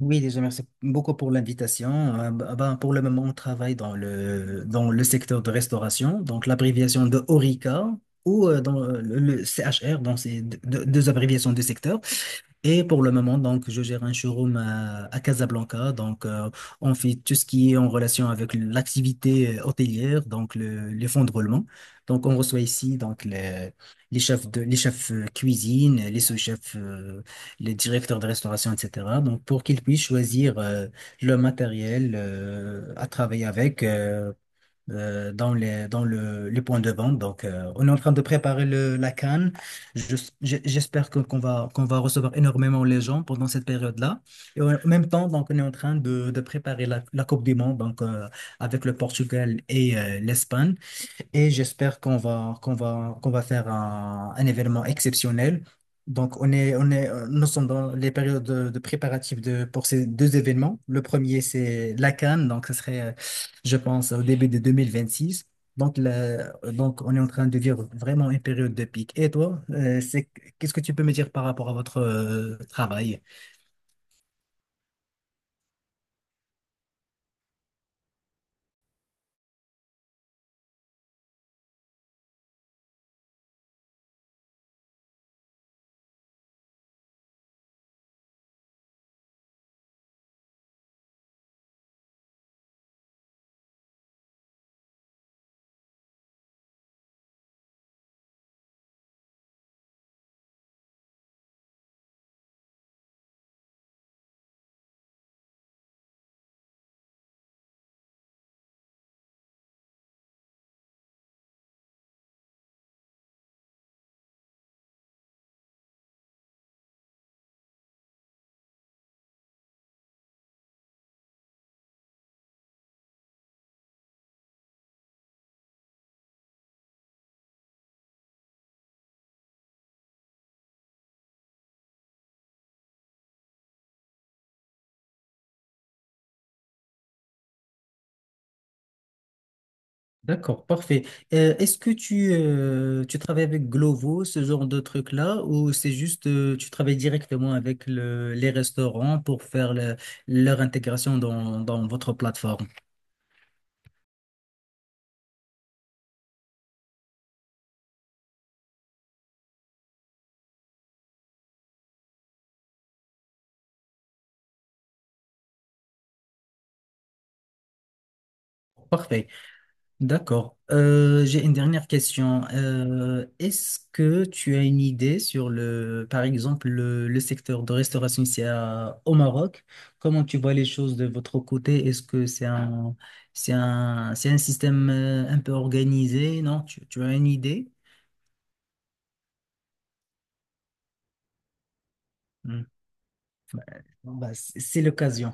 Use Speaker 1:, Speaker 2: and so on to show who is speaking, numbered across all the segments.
Speaker 1: Oui, déjà, merci beaucoup pour l'invitation. Pour le moment, on travaille dans le secteur de restauration, donc l'abréviation de HORICA ou dans le CHR, donc c'est deux abréviations de secteur. Et pour le moment, donc, je gère un showroom à Casablanca. Donc, on fait tout ce qui est en relation avec l'activité hôtelière, donc les fonds de roulement. Donc, on reçoit ici donc les chefs de, les chefs cuisine, les sous-chefs, les directeurs de restauration, etc. Donc, pour qu'ils puissent choisir le matériel à travailler avec. Dans les points de vente. Donc, on est en train de préparer la CAN. Je- J'espère qu'on va recevoir énormément les gens pendant cette période-là. Et en même temps, donc, on est en train de préparer la Coupe du Monde donc, avec le Portugal et l'Espagne et j'espère qu'on va faire un événement exceptionnel. Donc, nous sommes dans les périodes de préparatifs de, pour ces deux événements. Le premier, c'est la Cannes, donc ce serait, je pense, au début de 2026. Donc, on est en train de vivre vraiment une période de pic. Et toi, qu'est-ce que tu peux me dire par rapport à votre travail? D'accord, parfait. Est-ce que tu travailles avec Glovo, ce genre de truc-là, ou c'est juste tu travailles directement avec les restaurants pour faire leur intégration dans votre plateforme? Parfait. D'accord. J'ai une dernière question. Est-ce que tu as une idée sur le, par exemple, le secteur de restauration ici au Maroc? Comment tu vois les choses de votre côté? Est-ce que c'est c'est un système un peu organisé? Non, tu as une idée? Hmm. Bon, bah, c'est l'occasion.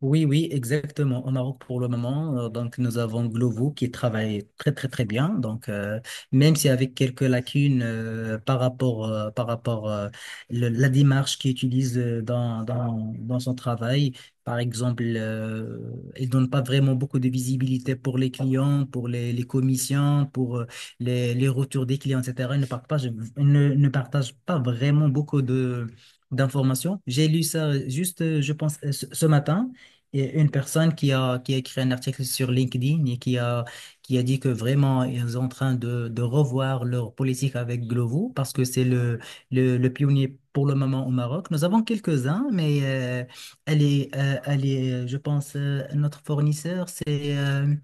Speaker 1: Oui, oui, exactement. Au Maroc, pour le moment, donc nous avons Glovo qui travaille très, très, très bien. Donc, même si avec quelques lacunes par rapport la démarche qu'il utilise dans son travail, par exemple, il donne pas vraiment beaucoup de visibilité pour les clients, pour les commissions, pour les retours des clients, etc. Il ne partage pas vraiment beaucoup de d'informations. J'ai lu ça juste, je pense, ce matin. Il y a une personne qui a écrit un article sur LinkedIn qui a dit que vraiment, ils sont en train de revoir leur politique avec Glovo parce que c'est le pionnier pour le moment au Maroc. Nous avons quelques-uns, mais elle est, je pense, notre fournisseur, c'est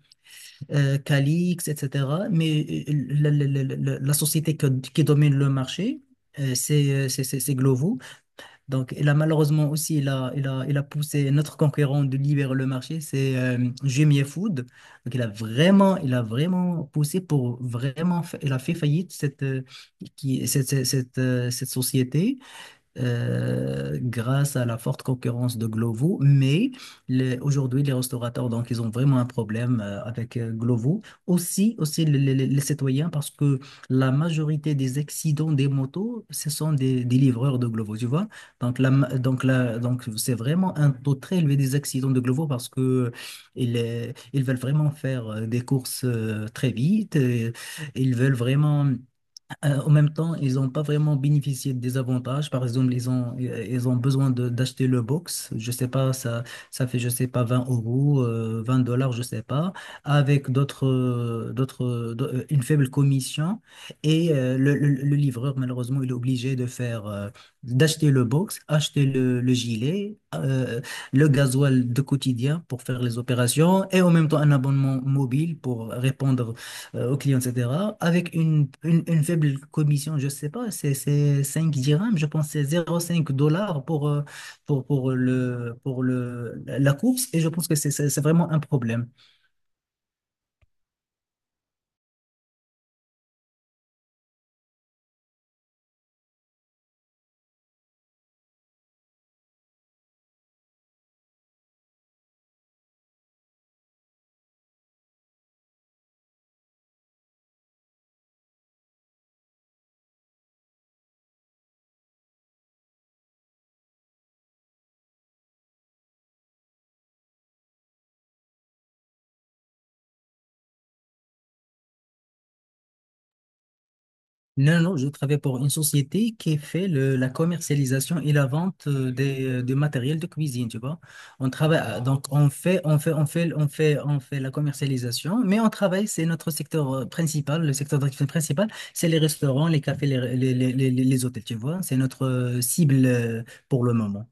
Speaker 1: Calix, etc. Mais la société qui domine le marché, c'est Glovo. Donc, il a malheureusement aussi, il a poussé notre concurrent de libérer le marché, c'est Jumia Food. Donc, il a vraiment poussé pour vraiment, il a fait faillite cette, qui, cette, cette, cette, cette société grâce à la forte concurrence de Glovo. Mais aujourd'hui, les restaurateurs, donc, ils ont vraiment un problème avec Glovo. Aussi les citoyens, parce que la majorité des accidents des motos, ce sont des livreurs de Glovo, tu vois. Donc, la, ma- donc, la, donc, c'est vraiment un taux très élevé des accidents de Glovo parce que ils veulent vraiment faire des courses très vite. Ils veulent vraiment. En même temps, ils n'ont pas vraiment bénéficié des avantages. Par exemple, ils ont besoin d'acheter le box. Je sais pas, ça fait, je sais pas, 20 euros, 20 dollars, je sais pas, avec d'autres, une faible commission. Et le livreur, malheureusement, il est obligé de faire, d'acheter le box, acheter le gilet, le gasoil de quotidien pour faire les opérations et en même temps un abonnement mobile pour répondre aux clients, etc. Avec une faible commission, je ne sais pas, c'est 5 dirhams, je pense que c'est 0,5 dollars pour, pour la course. Et je pense que c'est vraiment un problème. Non, non, je travaille pour une société qui fait la commercialisation et la vente du matériel de cuisine, tu vois. On travaille, donc on fait la commercialisation, mais on travaille, c'est notre secteur principal, le secteur d'activité principal, c'est les restaurants, les cafés, les hôtels, tu vois. C'est notre cible pour le moment.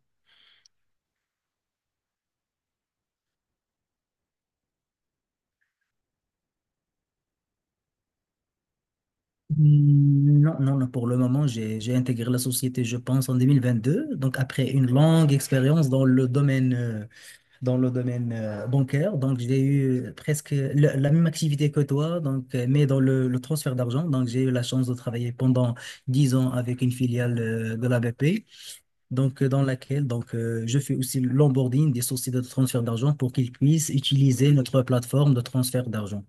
Speaker 1: Hmm, non, non, non, pour le moment, j'ai intégré la société, je pense, en 2022 donc après une longue expérience dans le domaine bancaire. Donc, j'ai eu presque la même activité que toi, donc, mais dans le transfert d'argent. Donc, j'ai eu la chance de travailler pendant 10 ans avec une filiale de la BP, donc, dans laquelle donc, je fais aussi l'onboarding des sociétés de transfert d'argent pour qu'ils puissent utiliser notre plateforme de transfert d'argent.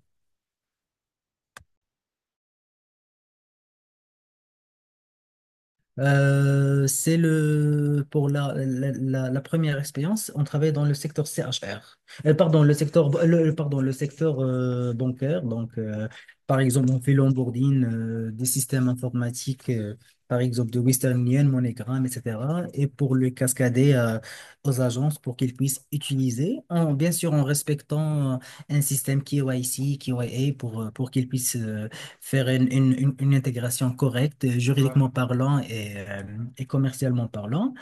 Speaker 1: C'est le Pour la première expérience, on travaille dans le secteur C CHR. Pardon, le secteur le- pardon, le secteur bancaire. Donc, par exemple, on fait l'onboarding des systèmes informatiques, par exemple de Western Union, MoneyGram, etc. Et pour le cascader aux agences pour qu'ils puissent utiliser, bien sûr en respectant un système K Y C KYC, A pour qu'ils puissent faire une intégration correcte, ouais, juridiquement parlant et commercialement parlant.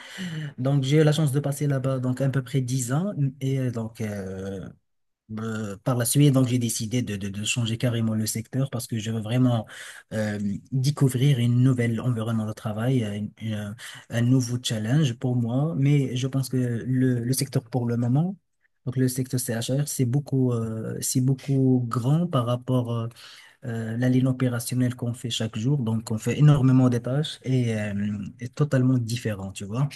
Speaker 1: Donc, j'ai eu la chance de passer là-bas donc à peu près 10 ans. Et euh, donc, euh, Par la suite, donc, j'ai décidé de changer carrément le secteur parce que je veux vraiment euh, découvrir une nouvelle environnement de travail, un nouveau challenge pour moi. Mais je pense que le secteur pour le moment, donc le secteur CHR c'est beaucoup grand par rapport la ligne opérationnelle qu'on fait chaque jour. Donc, on fait énormément de tâches et est totalement différent, tu vois.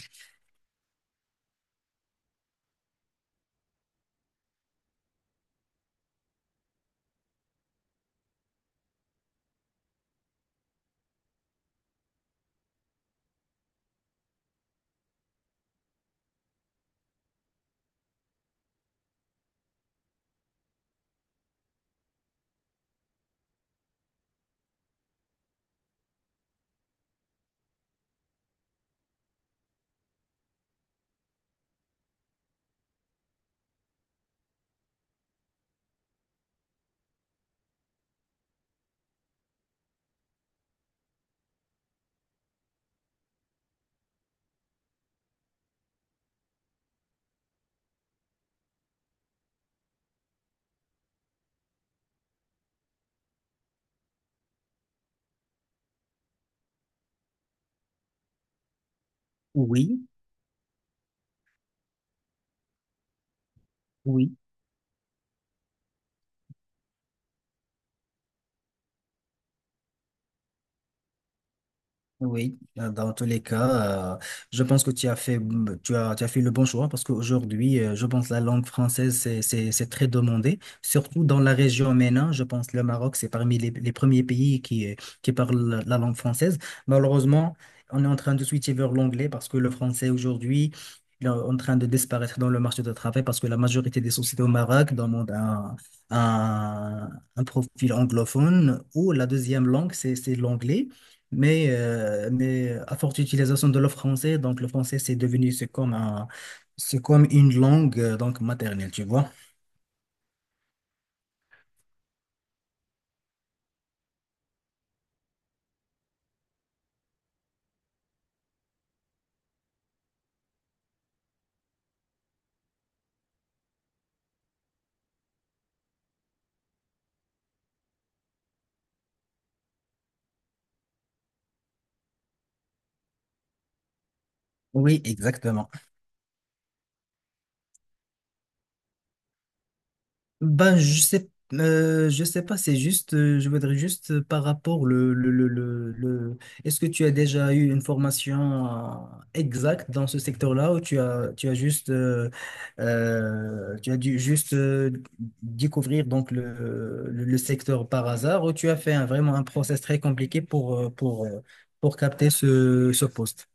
Speaker 1: Oui, oui. Oui, dans tous les cas, je pense que tu as fait le bon choix parce qu'aujourd'hui, je pense la langue française, c'est très demandé, surtout dans la région MENA. Je pense le Maroc, c'est parmi les premiers pays qui parlent la langue française. Malheureusement, on est en train de switcher vers l'anglais parce que le français aujourd'hui, il est en train de disparaître dans le marché du travail parce que la majorité des sociétés au Maroc demandent un, un profil anglophone ou la deuxième langue, c'est l'anglais. Mais à forte utilisation de le français, donc le français c'est devenu c'est comme c'est comme une langue donc maternelle, tu vois. Oui, exactement. Ben, je sais pas, c'est juste, je voudrais juste par rapport Est-ce que tu as déjà eu une formation exacte dans ce secteur-là ou tu as juste, tu as dû juste découvrir donc le secteur par hasard ou tu as fait vraiment un process très compliqué pour, pour capter ce poste?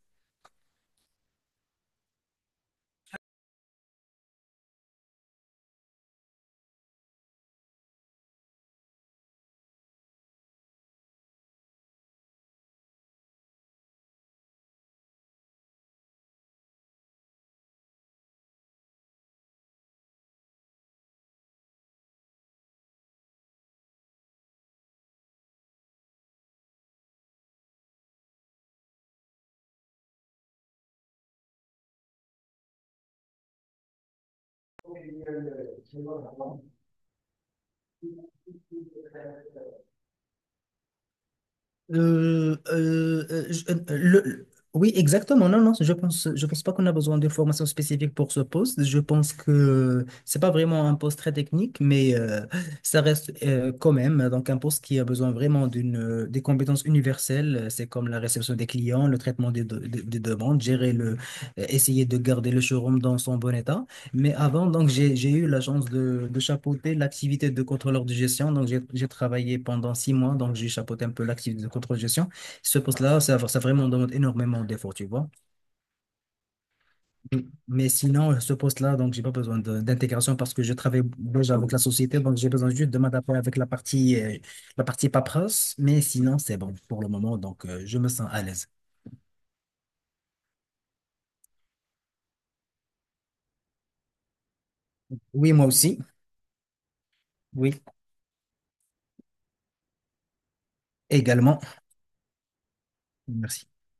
Speaker 1: Euh, euh, euh, je- euh, le, le- oui, exactement. Non, non, je pense pas qu'on a besoin de formation spécifique pour ce poste. Je pense que c'est pas vraiment un poste très technique, mais ça reste quand même donc un poste qui a besoin vraiment d'une des compétences universelles. C'est comme la réception des clients, le traitement des demandes, gérer essayer de garder le showroom dans son bon état. Mais avant, donc, j'ai eu la chance de chapeauter l'activité de contrôleur de gestion. Donc, j'ai travaillé pendant 6 mois. Donc, j'ai chapeauté un peu l'activité de contrôleur de gestion. Ce poste-là, ça vraiment demande énormément d'efforts, tu vois. Mm. Mais sinon, ce poste-là, donc, j'ai pas besoin d'intégration parce que je travaille déjà avec la société. Donc, j'ai besoin juste de m'adapter avec la partie paperasse. Mais sinon, c'est bon pour le moment. Donc, je me sens à l'aise. Oui, moi aussi. Oui, également. Merci.